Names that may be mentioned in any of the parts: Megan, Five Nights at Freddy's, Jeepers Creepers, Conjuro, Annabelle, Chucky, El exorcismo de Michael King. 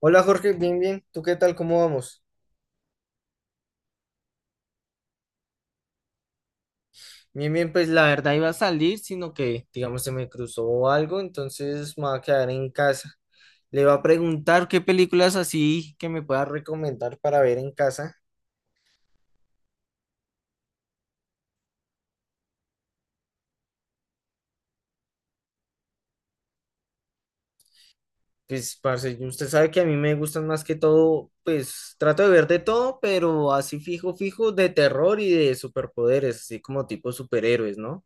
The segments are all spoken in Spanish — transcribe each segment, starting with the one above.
Hola Jorge, bien, bien. ¿Tú qué tal? ¿Cómo vamos? Bien, bien, pues la verdad iba a salir, sino que, digamos, se me cruzó algo, entonces me voy a quedar en casa. Le va a preguntar qué películas así que me pueda recomendar para ver en casa. Pues, parce, usted sabe que a mí me gustan más que todo, pues trato de ver de todo, pero así fijo, fijo, de terror y de superpoderes, así como tipo superhéroes, ¿no?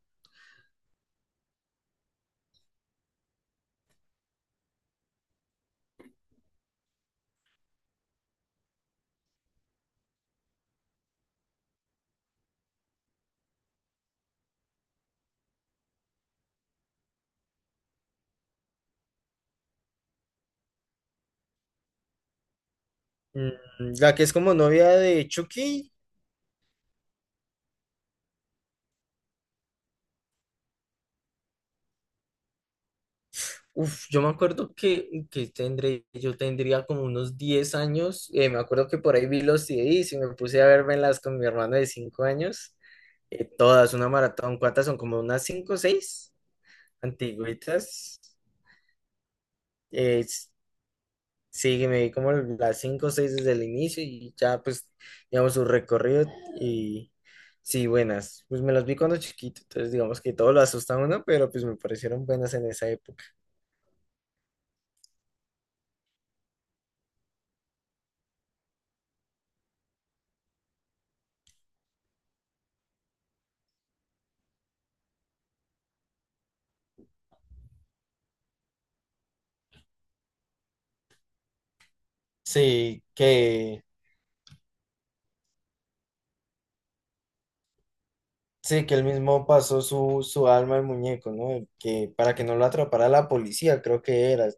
Mm, La que es como novia de Chucky. Uf, yo me acuerdo que tendré, yo tendría como unos 10 años. Me acuerdo que por ahí vi los CDs y me puse a vermelas con mi hermano de 5 años. Todas, una maratón. ¿Cuántas son? Como unas 5 o 6 antigüitas. Eh, s- sí, me vi como las 5 o 6 desde el inicio y ya pues, digamos, su, recorrido y sí, buenas. Pues me las vi cuando chiquito, entonces digamos que todo lo asusta a uno, pero pues me parecieron buenas en esa época. Sí, que... Sí, que él mismo pasó su alma al muñeco, ¿no? El que para que no lo atrapara la policía, creo que era.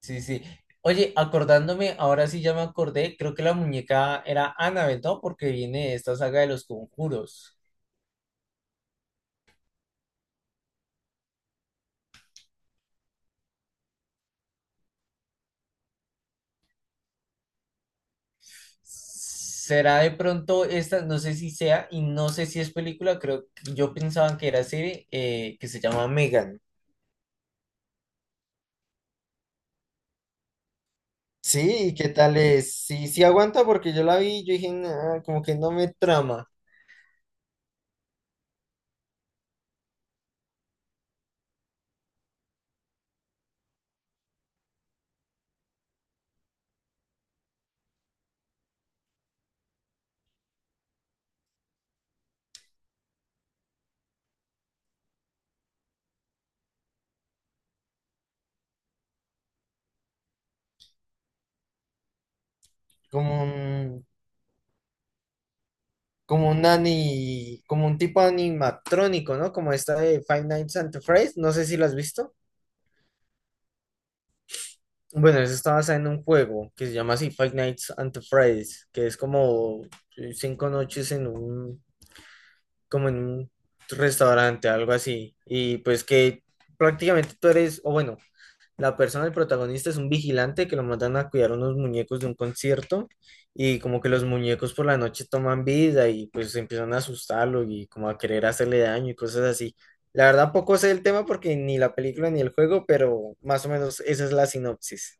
Sí, sí. Oye, acordándome, ahora sí ya me acordé, creo que la muñeca era Annabelle, ¿no? Porque viene de esta saga de los conjuros. ¿Será de pronto esta? No sé si sea, y no sé si es película, creo que yo pensaba que era serie, que se llama Megan. Sí, ¿y qué tal es? Sí, sí aguanta porque yo la vi, yo dije, "Nah, como que no me trama, como, como como un tipo animatrónico, ¿no? Como esta de Five Nights at Freddy's, no sé si lo has visto. Bueno, eso está basado en un juego que se llama así Five Nights at Freddy's, que es como 5 noches en un, como en un restaurante, algo así. Y pues que prácticamente tú eres, o bueno, la persona, el protagonista, es un vigilante que lo mandan a cuidar unos muñecos de un concierto y como que los muñecos por la noche toman vida y pues empiezan a asustarlo y como a querer hacerle daño y cosas así. La verdad poco sé el tema porque ni la película ni el juego, pero más o menos esa es la sinopsis.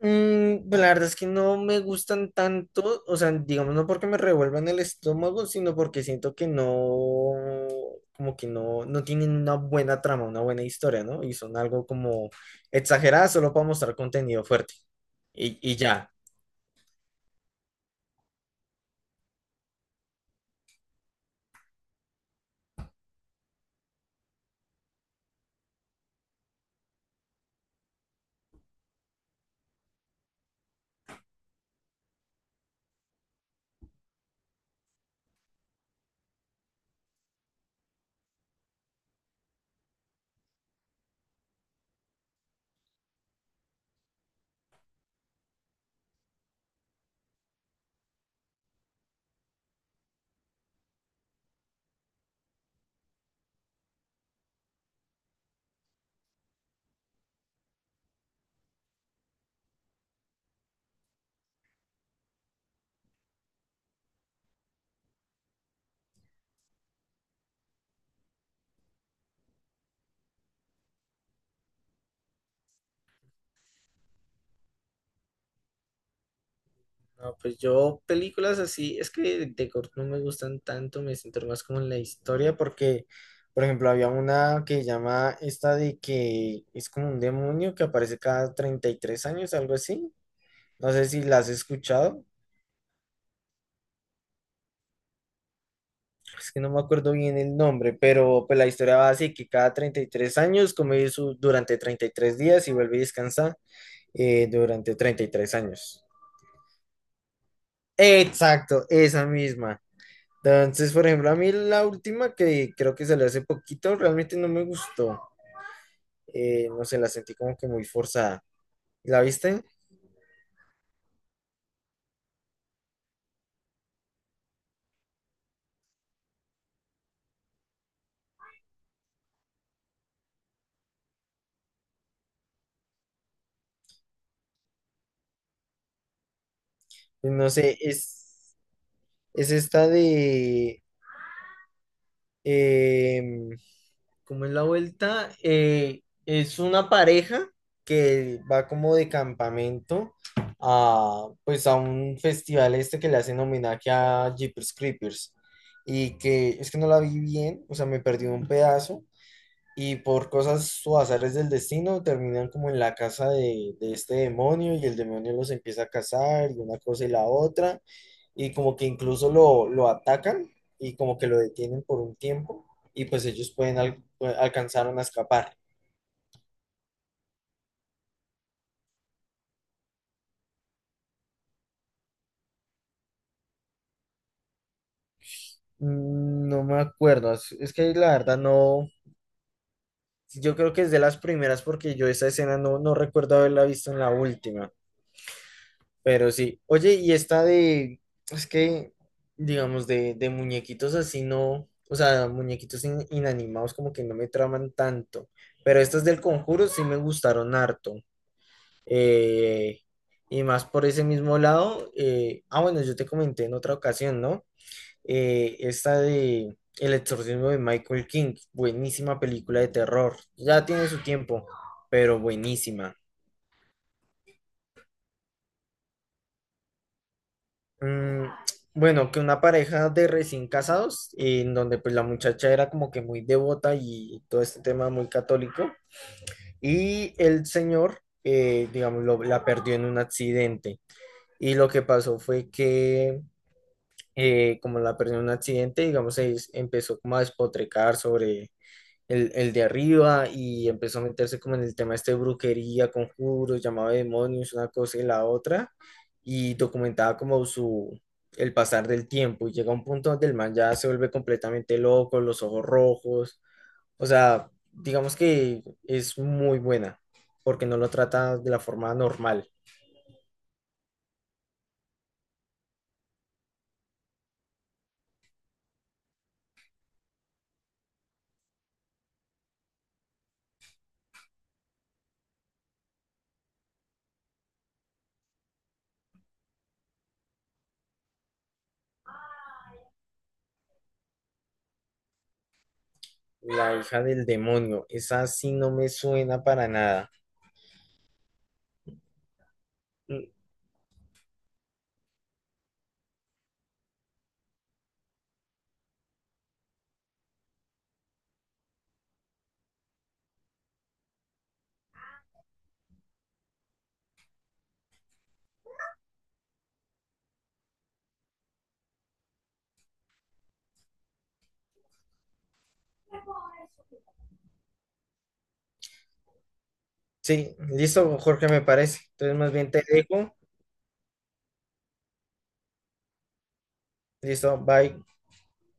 Pues la verdad es que no me gustan tanto, o sea, digamos, no porque me revuelvan el estómago, sino porque siento que no, como que no tienen una buena trama, una buena historia, ¿no? Y son algo como exageradas solo para mostrar contenido fuerte. Y ya. No, pues yo películas así, es que de corto no me gustan tanto, me centro más como en la historia porque, por ejemplo, había una que llama esta de que es como un demonio que aparece cada 33 años, algo así. No sé si la has escuchado, es que no me acuerdo bien el nombre, pero pues la historia va así, que cada 33 años come su, durante 33 días y vuelve a descansar durante 33 años. Exacto, esa misma. Entonces, por ejemplo, a mí la última que creo que salió hace poquito, realmente no me gustó. No sé, la sentí como que muy forzada. ¿La viste? Pues, no sé, es esta de... em, ¿Cómo es la vuelta? Es una pareja que va como de campamento a, pues a un festival este que le hacen homenaje a Jeepers Creepers y que es que no la vi bien, o sea, me perdí un pedazo, y por cosas o azares del destino, terminan como en la casa de, este demonio y el demonio los empieza a cazar y una cosa y la otra. Y como que incluso lo atacan y como que lo detienen por un tiempo y pues ellos pueden alcanzaron a escapar. No me acuerdo, es que la verdad no, yo creo que es de las primeras porque yo esa escena no, recuerdo haberla visto en la última. Pero sí. Oye, y esta de, es que, digamos, de, muñequitos así no, o sea, muñequitos inanimados como que no me traman tanto. Pero estas del Conjuro sí me gustaron harto. Eh, y más por ese mismo lado, bueno, yo te comenté en otra ocasión, ¿no? Esta de El exorcismo de Michael King, buenísima película de terror. Ya tiene su tiempo, pero buenísima. Mm, bueno, que una pareja de recién casados, en donde pues la muchacha era como que muy devota y todo este tema muy católico, y el señor, digamos, la perdió en un accidente. Y lo que pasó fue que, como la perdió en un accidente, digamos, se empezó como a despotricar sobre el de arriba y empezó a meterse como en el tema este de brujería, conjuros, llamaba de demonios, una cosa y la otra, y documentaba como su, el pasar del tiempo, y llega un punto donde el man ya se vuelve completamente loco, los ojos rojos, o sea, digamos que es muy buena, porque no lo trata de la forma normal. La hija del demonio, esa sí no me suena para nada. Mm, sí, listo, Jorge, me parece. Entonces, más bien te dejo. Listo, bye.